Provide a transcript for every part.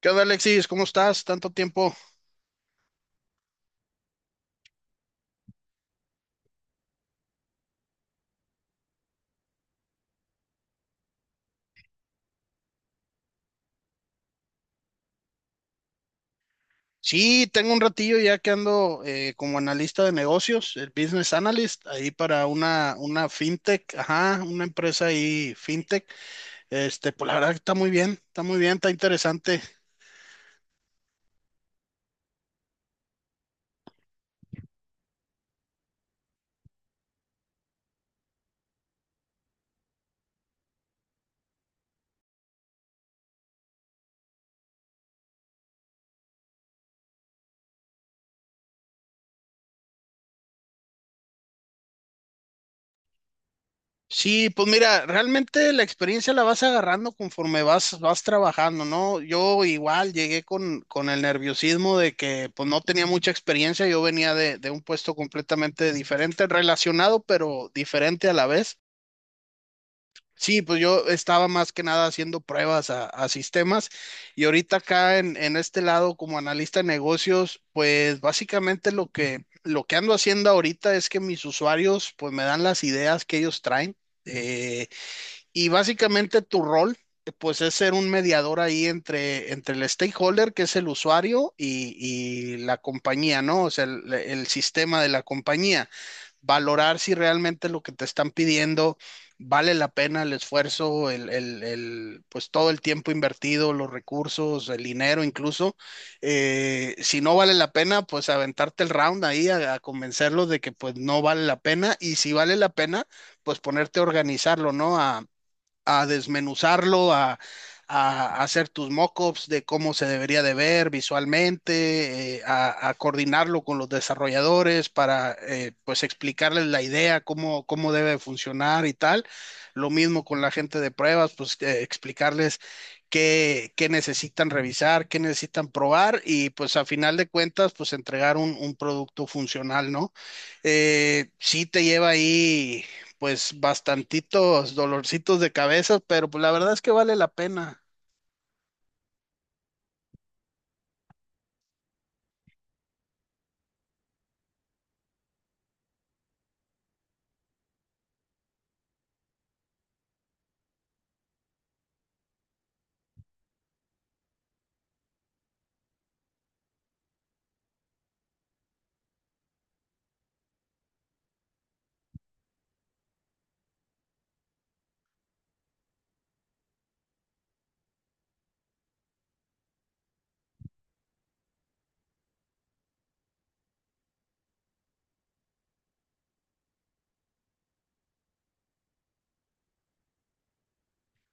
¿Qué onda, Alexis? ¿Cómo estás? Tanto tiempo. Sí, tengo un ratillo ya que ando como analista de negocios, el business analyst, ahí para una fintech, ajá, una empresa ahí fintech. Este, pues la verdad que está muy bien, está muy bien, está interesante. Sí, pues mira, realmente la experiencia la vas agarrando conforme vas, vas trabajando, ¿no? Yo igual llegué con el nerviosismo de que pues no tenía mucha experiencia, yo venía de un puesto completamente diferente, relacionado pero diferente a la vez. Sí, pues yo estaba más que nada haciendo pruebas a sistemas y ahorita acá en este lado como analista de negocios, pues básicamente lo lo que ando haciendo ahorita es que mis usuarios pues me dan las ideas que ellos traen eh, y básicamente tu rol pues es ser un mediador ahí entre el stakeholder que es el usuario y la compañía, ¿no? O sea, el sistema de la compañía valorar si realmente lo que te están pidiendo vale la pena el esfuerzo, el, pues todo el tiempo invertido, los recursos, el dinero incluso. Si no vale la pena, pues aventarte el round ahí a convencerlos de que pues no vale la pena y si vale la pena, pues ponerte a organizarlo, ¿no? A desmenuzarlo, a hacer tus mockups de cómo se debería de ver visualmente, a coordinarlo con los desarrolladores para pues explicarles la idea, cómo, cómo debe funcionar y tal. Lo mismo con la gente de pruebas, pues explicarles qué, qué necesitan revisar, qué necesitan probar y pues a final de cuentas pues entregar un producto funcional, ¿no? Sí te lleva ahí pues bastantitos dolorcitos de cabeza, pero pues la verdad es que vale la pena.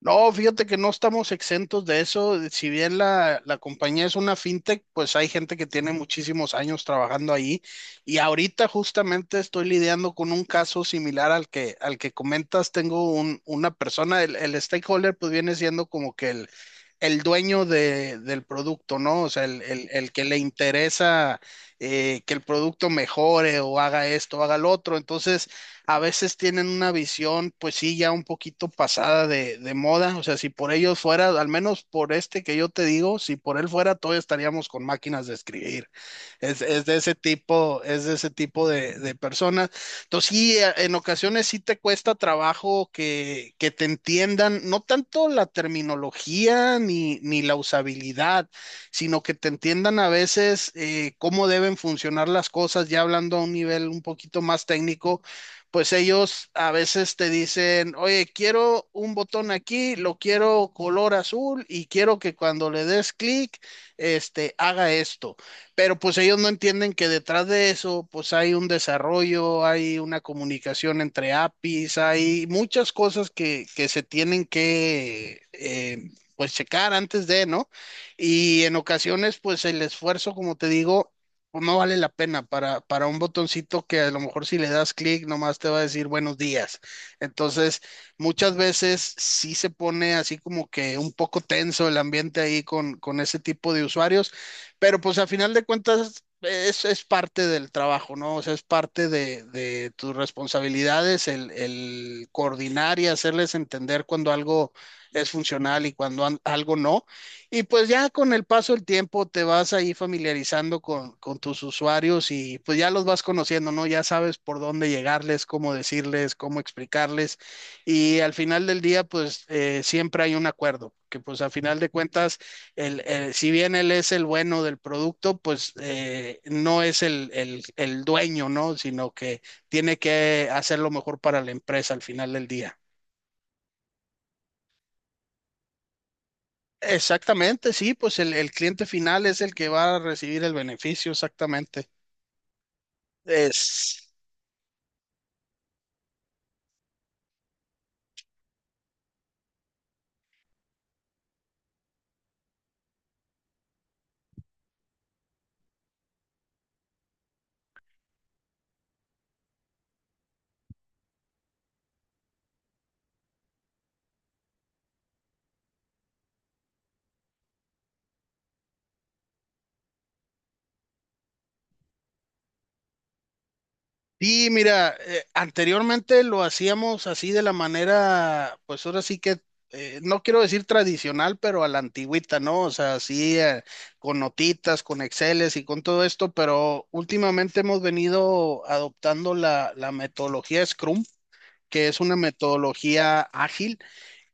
No, fíjate que no estamos exentos de eso. Si bien la compañía es una fintech, pues hay gente que tiene muchísimos años trabajando ahí. Y ahorita justamente estoy lidiando con un caso similar al al que comentas. Tengo una persona, el stakeholder, pues viene siendo como que el dueño del producto, ¿no? O sea, el que le interesa que el producto mejore o haga esto, haga lo otro. Entonces a veces tienen una visión, pues sí, ya un poquito pasada de moda. O sea, si por ellos fuera, al menos por este que yo te digo, si por él fuera, todavía estaríamos con máquinas de escribir. Es de ese tipo, es de ese tipo de personas. Entonces, sí, en ocasiones sí te cuesta trabajo que te entiendan, no tanto la terminología ni la usabilidad, sino que te entiendan a veces cómo deben funcionar las cosas, ya hablando a un nivel un poquito más técnico pues ellos a veces te dicen, oye, quiero un botón aquí, lo quiero color azul y quiero que cuando le des clic, haga esto. Pero pues ellos no entienden que detrás de eso, pues hay un desarrollo, hay una comunicación entre APIs, hay muchas cosas que se tienen que... pues checar antes de, ¿no? Y en ocasiones, pues el esfuerzo, como te digo, pues no vale la pena para un botoncito que a lo mejor si le das clic nomás te va a decir buenos días. Entonces, muchas veces sí se pone así como que un poco tenso el ambiente ahí con ese tipo de usuarios, pero pues a final de cuentas es parte del trabajo, ¿no? O sea, es parte de tus responsabilidades el coordinar y hacerles entender cuando algo es funcional y cuando algo no. Y pues ya con el paso del tiempo te vas ahí familiarizando con tus usuarios y pues ya los vas conociendo, ¿no? Ya sabes por dónde llegarles, cómo decirles, cómo explicarles. Y al final del día, pues siempre hay un acuerdo, que pues al final de cuentas, si bien él es el bueno del producto, pues no es el dueño, ¿no? Sino que tiene que hacer lo mejor para la empresa al final del día. Exactamente, sí, pues el cliente final es el que va a recibir el beneficio, exactamente. Es, sí, mira, anteriormente lo hacíamos así de la manera, pues ahora sí que, no quiero decir tradicional, pero a la antigüita, ¿no? O sea, así con notitas, con Exceles y con todo esto, pero últimamente hemos venido adoptando la metodología Scrum, que es una metodología ágil.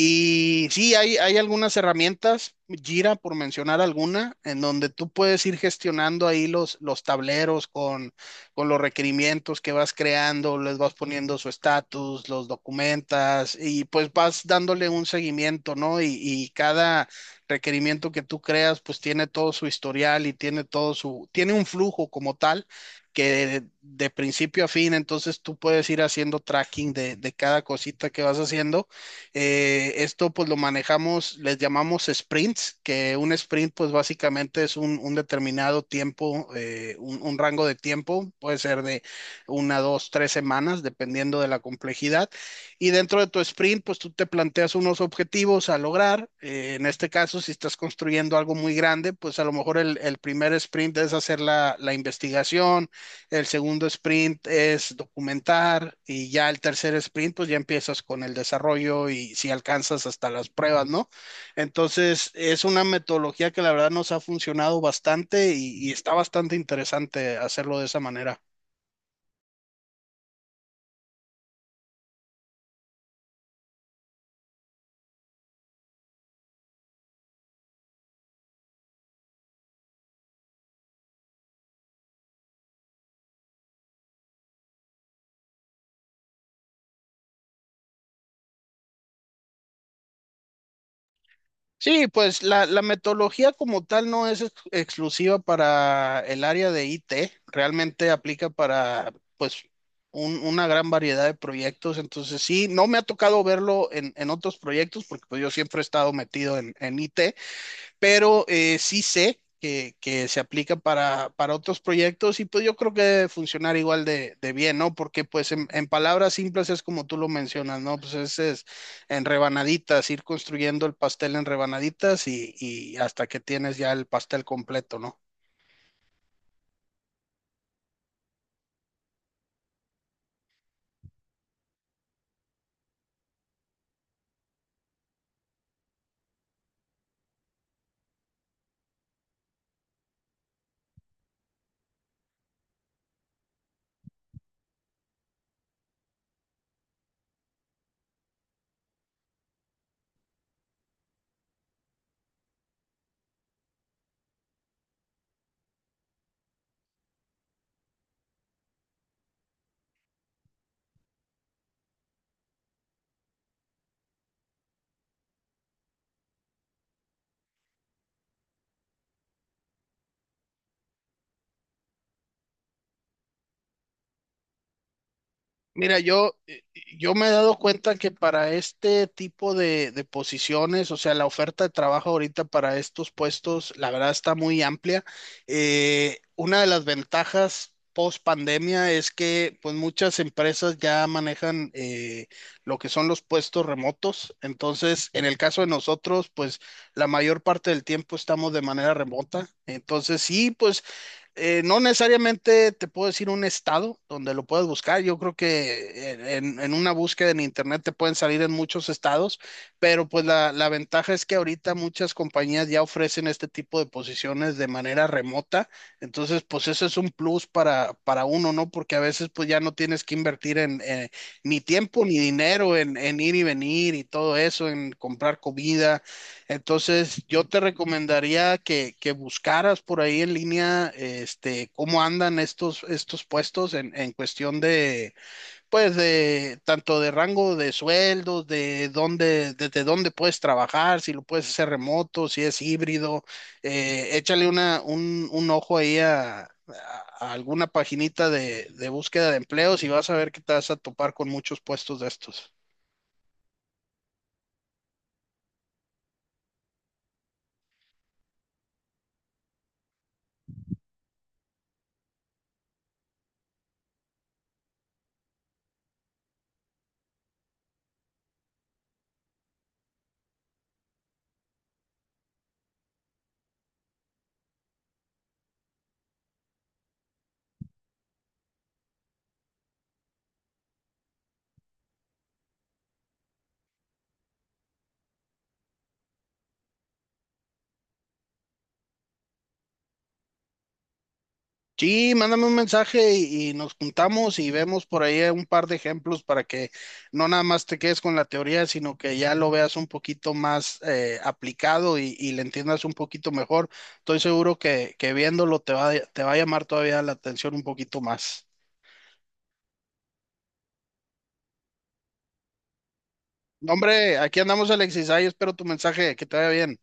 Y sí, hay algunas herramientas, Jira por mencionar alguna, en donde tú puedes ir gestionando ahí los tableros con los requerimientos que vas creando, les vas poniendo su estatus, los documentas y pues vas dándole un seguimiento, ¿no? Y cada requerimiento que tú creas pues tiene todo su historial y tiene todo su, tiene un flujo como tal que de principio a fin, entonces tú puedes ir haciendo tracking de cada cosita que vas haciendo. Esto pues lo manejamos, les llamamos sprints, que un sprint pues básicamente es un determinado tiempo, un rango de tiempo, puede ser de una, dos, tres semanas, dependiendo de la complejidad. Y dentro de tu sprint pues tú te planteas unos objetivos a lograr. En este caso, si estás construyendo algo muy grande, pues a lo mejor el primer sprint es hacer la investigación, el segundo sprint es documentar y ya el tercer sprint, pues ya empiezas con el desarrollo y si alcanzas hasta las pruebas, ¿no? Entonces, es una metodología que la verdad nos ha funcionado bastante y está bastante interesante hacerlo de esa manera. Sí, pues la metodología como tal no es exclusiva para el área de IT, realmente aplica para pues una gran variedad de proyectos, entonces sí, no me ha tocado verlo en otros proyectos porque pues yo siempre he estado metido en IT, pero sí sé que se aplica para otros proyectos y pues yo creo que debe funcionar igual de bien, ¿no? Porque pues en palabras simples es como tú lo mencionas, ¿no? Pues es en rebanaditas, ir construyendo el pastel en rebanaditas y hasta que tienes ya el pastel completo, ¿no? Mira, yo, yo me he dado cuenta que para este tipo de posiciones, o sea, la oferta de trabajo ahorita para estos puestos, la verdad está muy amplia. Una de las ventajas post pandemia es que pues muchas empresas ya manejan lo que son los puestos remotos. Entonces, en el caso de nosotros, pues la mayor parte del tiempo estamos de manera remota. Entonces, sí, pues no necesariamente te puedo decir un estado donde lo puedes buscar. Yo creo que en, en una búsqueda en internet te pueden salir en muchos estados, pero pues la ventaja es que ahorita muchas compañías ya ofrecen este tipo de posiciones de manera remota. Entonces, pues eso es un plus para uno, ¿no? Porque a veces pues ya no tienes que invertir en ni tiempo ni dinero en ir y venir y todo eso, en comprar comida. Entonces, yo te recomendaría que buscaras por ahí en línea, este, cómo andan estos, estos puestos en cuestión de, pues, de tanto de rango de sueldos, de dónde, desde dónde puedes trabajar, si lo puedes hacer remoto, si es híbrido. Échale una, un ojo ahí a alguna paginita de búsqueda de empleos y vas a ver que te vas a topar con muchos puestos de estos. Sí, mándame un mensaje y nos juntamos y vemos por ahí un par de ejemplos para que no nada más te quedes con la teoría, sino que ya lo veas un poquito más aplicado y le entiendas un poquito mejor. Estoy seguro que viéndolo te va a llamar todavía la atención un poquito más. No, hombre, aquí andamos, Alexis. Ahí espero tu mensaje. Que te vaya bien.